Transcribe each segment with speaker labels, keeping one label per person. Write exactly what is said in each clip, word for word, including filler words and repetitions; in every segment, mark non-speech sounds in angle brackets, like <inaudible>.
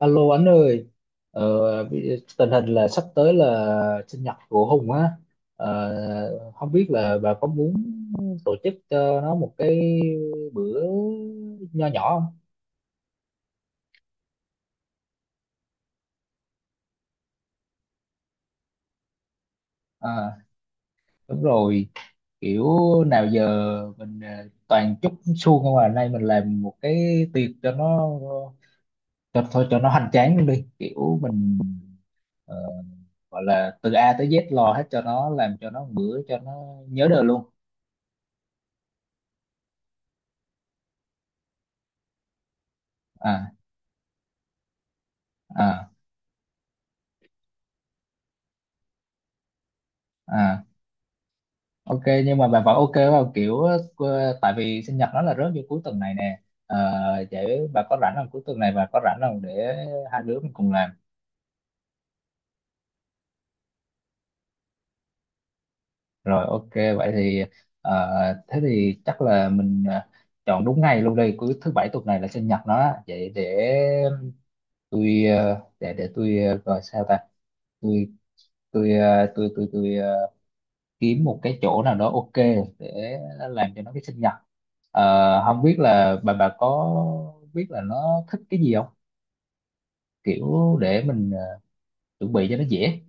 Speaker 1: Alo anh ơi, ờ, bị- tình hình là sắp tới là sinh nhật của Hùng á. Ờ, không biết là bà có muốn tổ chức cho nó một cái bữa nho nhỏ không? À, đúng rồi, kiểu nào giờ mình ờ, toàn chúc suông không à, nay mình làm một cái tiệc cho nó, cho thôi cho nó hoành tráng luôn đi, kiểu mình ờ, gọi là từ a tới dét lo hết cho nó, làm cho nó một bữa cho nó nhớ đời luôn. À, à. À, ok, nhưng mà bà vẫn ok vào kiểu ờ, tại vì sinh nhật nó là rớt vô cuối tuần này nè. Ờ, Vậy bà có rảnh không, cuối tuần này bà có rảnh không để hai đứa mình cùng làm? Rồi ok, vậy thì ờ, thế thì chắc là mình ờ, chọn đúng ngày luôn đây, cuối thứ bảy tuần này là sinh nhật nó á. Vậy để tôi ờ, để để tôi ờ, gọi sao ta, tôi tôi ờ, tôi tôi tôi, kiếm một cái chỗ nào đó, ok, để làm cho nó cái sinh nhật. Ờ, không biết là bà bà có biết là nó thích cái gì không, kiểu để mình ờ, chuẩn bị cho nó dễ.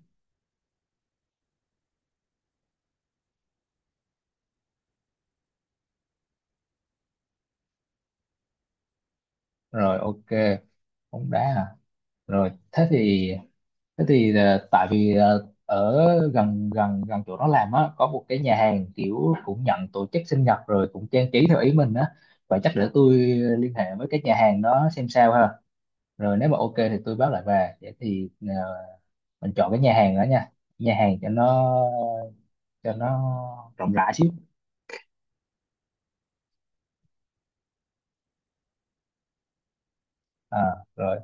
Speaker 1: Rồi ok, bóng đá à. Rồi thế thì thế thì ờ, tại vì ờ, ở gần gần gần chỗ nó làm á, có một cái nhà hàng kiểu cũng nhận tổ chức sinh nhật rồi cũng trang trí theo ý mình á, và chắc để tôi liên hệ với cái nhà hàng đó xem sao ha. Rồi nếu mà ok thì tôi báo lại bà, vậy thì ờ, mình chọn cái nhà hàng đó nha, nhà hàng cho nó cho nó rộng rãi xíu. À, rồi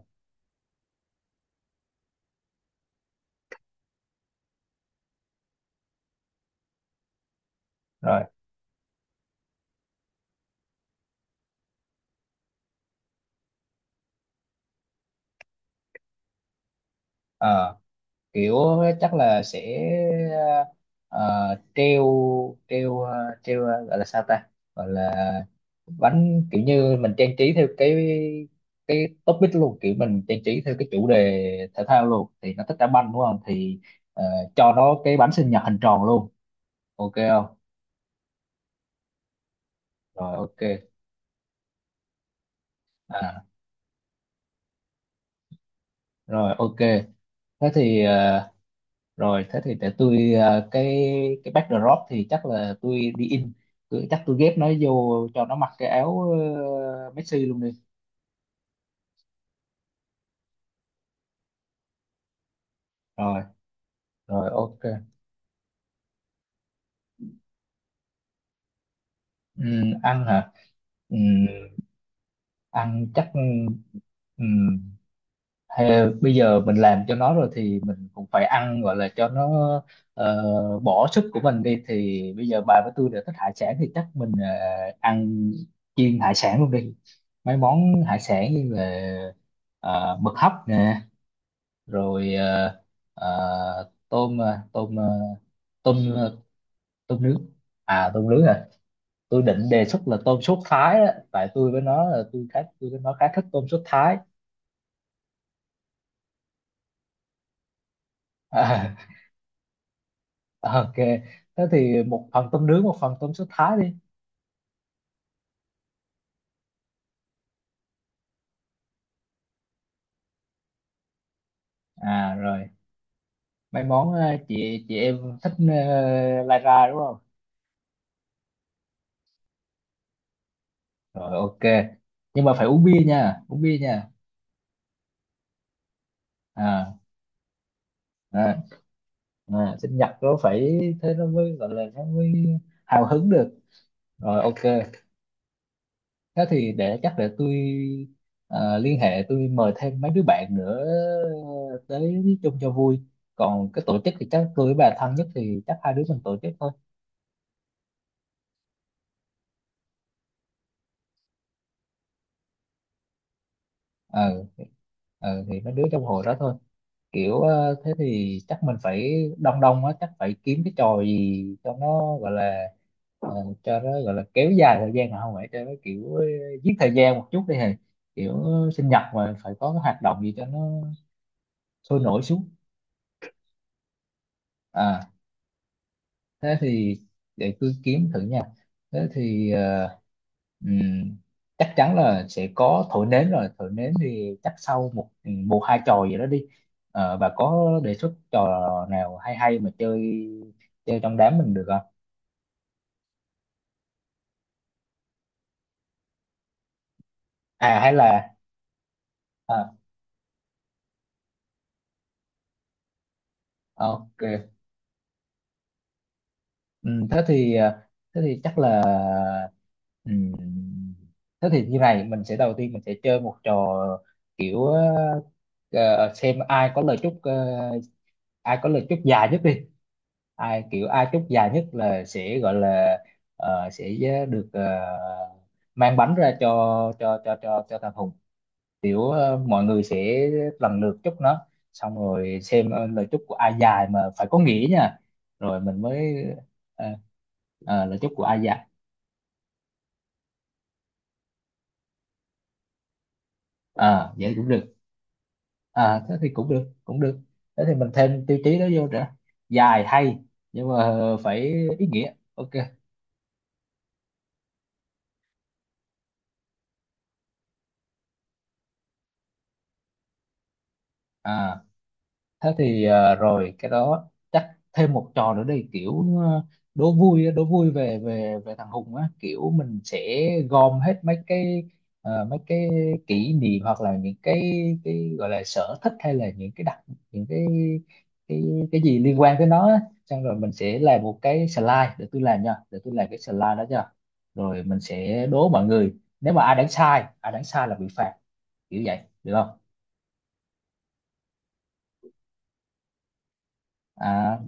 Speaker 1: rồi. Ờ, Kiểu chắc là sẽ ờ, treo treo ờ, treo ờ, gọi là sao ta, gọi là bánh, kiểu như mình trang trí theo cái cái topic luôn, kiểu mình trang trí theo cái chủ đề thể thao luôn, thì nó thích đá banh đúng không, thì ờ, cho nó cái bánh sinh nhật hình tròn luôn, ok không? Rồi ok. À, rồi ok. Thế thì ờ, rồi thế thì để tôi ờ, cái cái backdrop thì chắc là tôi đi in, tôi, chắc tôi ghép nó vô cho nó mặc cái áo ờ, Messi luôn đi. Rồi rồi, ok. Ừm, ăn hả? Ừm, ăn chắc. ừm, Hay bây giờ mình làm cho nó rồi thì mình cũng phải ăn gọi là cho nó ờ, bỏ sức của mình đi, thì bây giờ bà với tôi đều thích hải sản thì chắc mình ờ, ăn chiên hải sản luôn đi. Mấy món hải sản như là ờ, mực hấp nè, rồi ờ, ờ, tôm ờ, tôm ờ, tôm ờ, tôm nướng. À tôm nướng à? Tôi định đề xuất là tôm sốt Thái á, tại tôi với nó là tôi khá tôi với nó khá thích tôm sốt Thái. <laughs> Ok, thế thì một phần tôm nướng, một phần tôm sốt thái đi. À rồi, mấy món ờ, chị chị em thích ờ, lai ra đúng không? Rồi ok, nhưng mà phải uống bia nha, uống bia nha. À, à. À, sinh nhật nó phải thế, nó mới gọi là, nó mới hào hứng được. Rồi ok, thế thì để chắc để tôi ờ, liên hệ, tôi mời thêm mấy đứa bạn nữa tới chung cho vui, còn cái tổ chức thì chắc tôi với bà thân nhất thì chắc hai đứa mình tổ chức thôi. ờ thì- ờ thì mấy đứa trong hội đó thôi, kiểu ờ, thế thì chắc mình phải đông đông á, chắc phải kiếm cái trò gì cho nó gọi là ờ, cho nó gọi là kéo dài thời gian, mà không phải cho nó kiểu ờ, giết thời gian một chút đi hề, kiểu sinh nhật mà phải có cái hoạt động gì cho nó sôi nổi xuống. À, thế thì để cứ kiếm thử nha. Thế thì ờ, ừm, chắc chắn là sẽ có thổi nến, rồi thổi nến thì chắc sau một ừ, một hai trò gì đó đi. Ờ, bà có đề xuất trò nào hay hay mà chơi chơi trong đám mình được không? À hay là, à, ok. Ừ, thế thì à, thế thì chắc là ừ, thế thì như này mình sẽ, đầu tiên mình sẽ chơi một trò kiểu ờ, ờ, xem ai có lời chúc, ờ, ai có lời chúc dài nhất đi, ai kiểu ai chúc dài nhất là sẽ gọi là ờ, sẽ ờ, được ờ, mang bánh ra cho cho cho cho cho thằng Hùng, kiểu ờ, mọi người sẽ lần lượt chúc nó, xong rồi xem ờ, lời chúc của ai dài mà phải có nghĩa nha, rồi mình mới ờ, ờ, lời chúc của ai dài. À vậy cũng được, à thế thì cũng được cũng được, thế thì mình thêm tiêu chí đó vô nữa, dài hay nhưng mà phải ý nghĩa, ok. À thế thì ờ, rồi cái đó chắc thêm một trò nữa đi, kiểu ờ, đố vui á, đố vui về về về thằng Hùng á, kiểu mình sẽ gom hết mấy cái ờ, mấy cái kỷ niệm hoặc là những cái cái gọi là sở thích, hay là những cái đặc, những cái cái cái gì liên quan tới nó á. Xong rồi mình sẽ làm một cái slide, để tôi làm nha, để tôi làm cái slide đó nha, rồi mình sẽ đố mọi người, nếu mà ai đánh sai ai đánh sai là bị phạt, kiểu vậy được không? À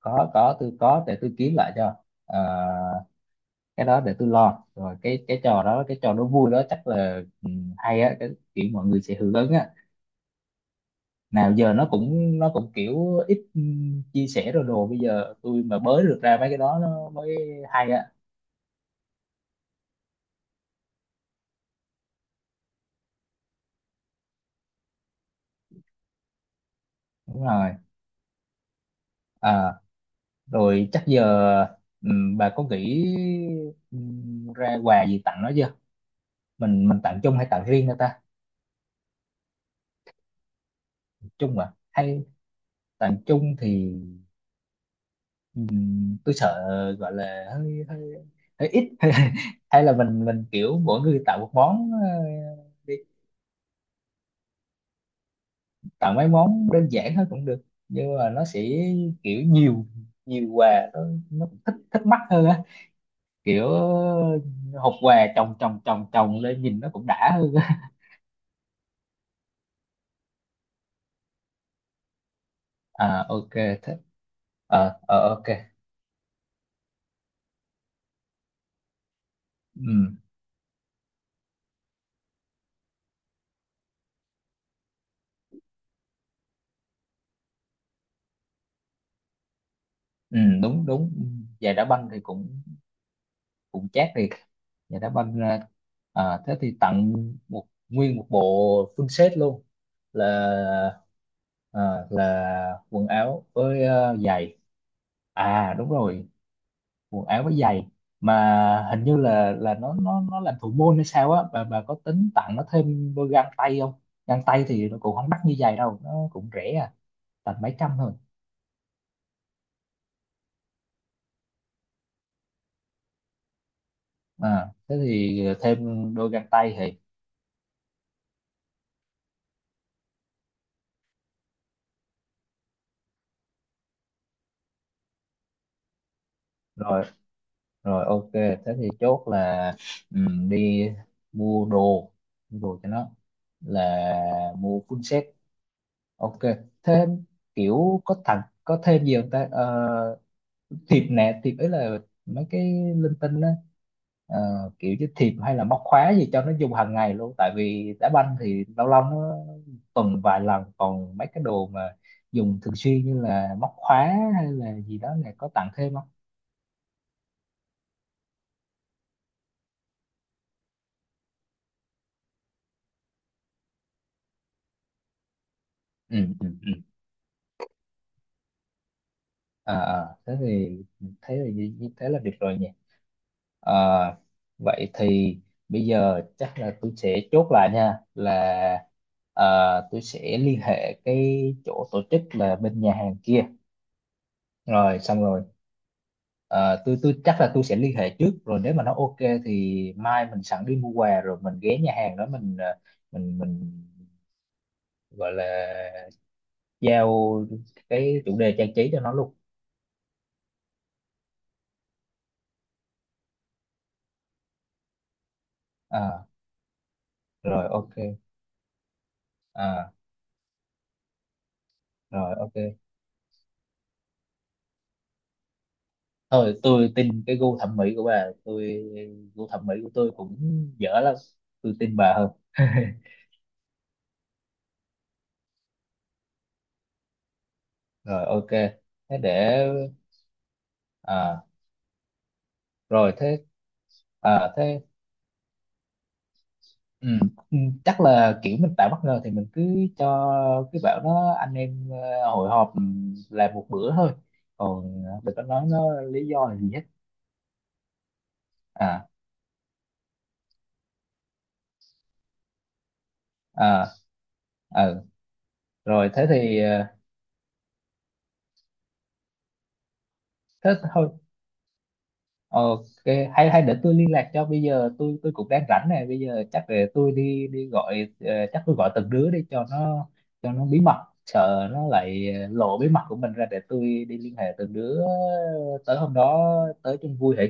Speaker 1: có có tôi có, để tôi kiếm lại cho. Ờ, cái đó để tôi lo, rồi cái cái trò đó, cái trò nó vui đó chắc là ừ, hay á, cái kiểu mọi người sẽ hưởng ứng á, nào giờ nó cũng nó cũng kiểu ít ừ, chia sẻ rồi đồ, bây giờ tôi mà bới được ra mấy cái đó nó mới hay á. Đúng rồi. À rồi chắc giờ ừ, bà có nghĩ ừ, ra quà gì tặng nó chưa? Mình mình tặng chung hay tặng riêng cho ta? Chung à, hay tặng chung thì ừm, tôi sợ gọi là hơi hơi hơi ít, <laughs> hay hay là mình mình kiểu mỗi người tạo một món ờ, đi, tạo mấy món đơn giản thôi cũng được, nhưng mà nó sẽ kiểu nhiều nhiều quà, nó nó cũng thích thích mắt hơn á, kiểu hộp quà chồng chồng chồng chồng lên nhìn nó cũng đã hơn á. À ok, thế ờ ờ ok. Ừ ừ, đúng đúng. Giày đá banh thì cũng cũng chát thiệt. Vậy đá banh ra. À, thế thì tặng một nguyên một bộ full set luôn, là à, là quần áo với ờ, giày. À đúng rồi, quần áo với giày, mà hình như là là nó nó nó làm thủ môn hay sao á, bà bà có tính tặng nó thêm đôi găng tay không? Găng tay thì nó cũng không đắt như giày đâu, nó cũng rẻ à, tầm mấy trăm thôi. À thế thì thêm đôi găng tay thì, rồi rồi, ok, thế thì chốt là ừm, đi mua đồ mua đồ cho nó, là mua full set, ok, thêm kiểu có tặng có thêm gì không ta. Ờ, thiệp nè, thiệp ấy là mấy cái linh tinh đó. Ờ, kiểu như thiệp hay là móc khóa gì cho nó dùng hàng ngày luôn, tại vì đá banh thì lâu lâu nó tuần vài lần, còn mấy cái đồ mà dùng thường xuyên như là móc khóa hay là gì đó này, có tặng thêm không? Ừ, ừ, à à, thế thì thấy là như như thế là được rồi nhỉ. À, vậy thì bây giờ chắc là tôi sẽ chốt lại nha, là à, tôi sẽ liên hệ cái chỗ tổ chức là bên nhà hàng kia, rồi xong rồi à, tôi tôi chắc là tôi sẽ liên hệ trước, rồi nếu mà nó ok thì mai mình sẵn đi mua quà, rồi mình ghé nhà hàng đó, mình à, mình mình gọi là giao cái chủ đề trang trí cho nó luôn. À, rồi ok. À, rồi ok. Thôi tôi tin cái gu thẩm mỹ của bà, tôi gu thẩm mỹ của tôi cũng dở lắm, tôi tin bà hơn. <laughs> Rồi ok, thế để, à rồi thế, à thế, ừ, ừ, chắc là kiểu mình tạo bất ngờ thì mình cứ cho cái bảo nó anh em ờ, hội họp ừ, làm một bữa thôi, còn ờ, đừng có nói nó lý do là gì hết. À, à, ừ, rồi thế thì ờ, thế thôi, ok. Hay hay để tôi liên lạc cho, bây giờ tôi tôi cũng đang rảnh này, bây giờ chắc để tôi đi đi gọi, ờ, chắc tôi gọi từng đứa đi cho nó, cho nó bí mật, sợ nó lại ờ, lộ bí mật của mình ra, để tôi đi liên hệ từng đứa tới hôm đó, tới chung vui hỉ.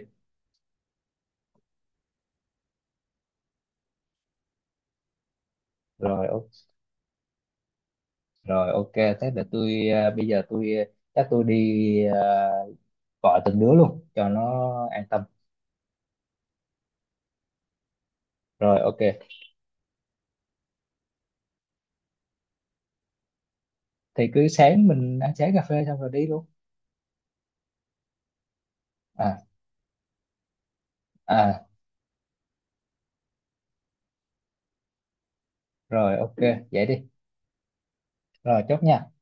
Speaker 1: Rồi ok, rồi ok, thế để tôi ờ, bây giờ tôi ờ, chắc tôi đi ờ, gọi từng đứa luôn cho nó an tâm. Rồi ok, thì cứ sáng mình ăn sáng cà phê xong rồi đi luôn. À, à, rồi ok, vậy đi, rồi chốt nha.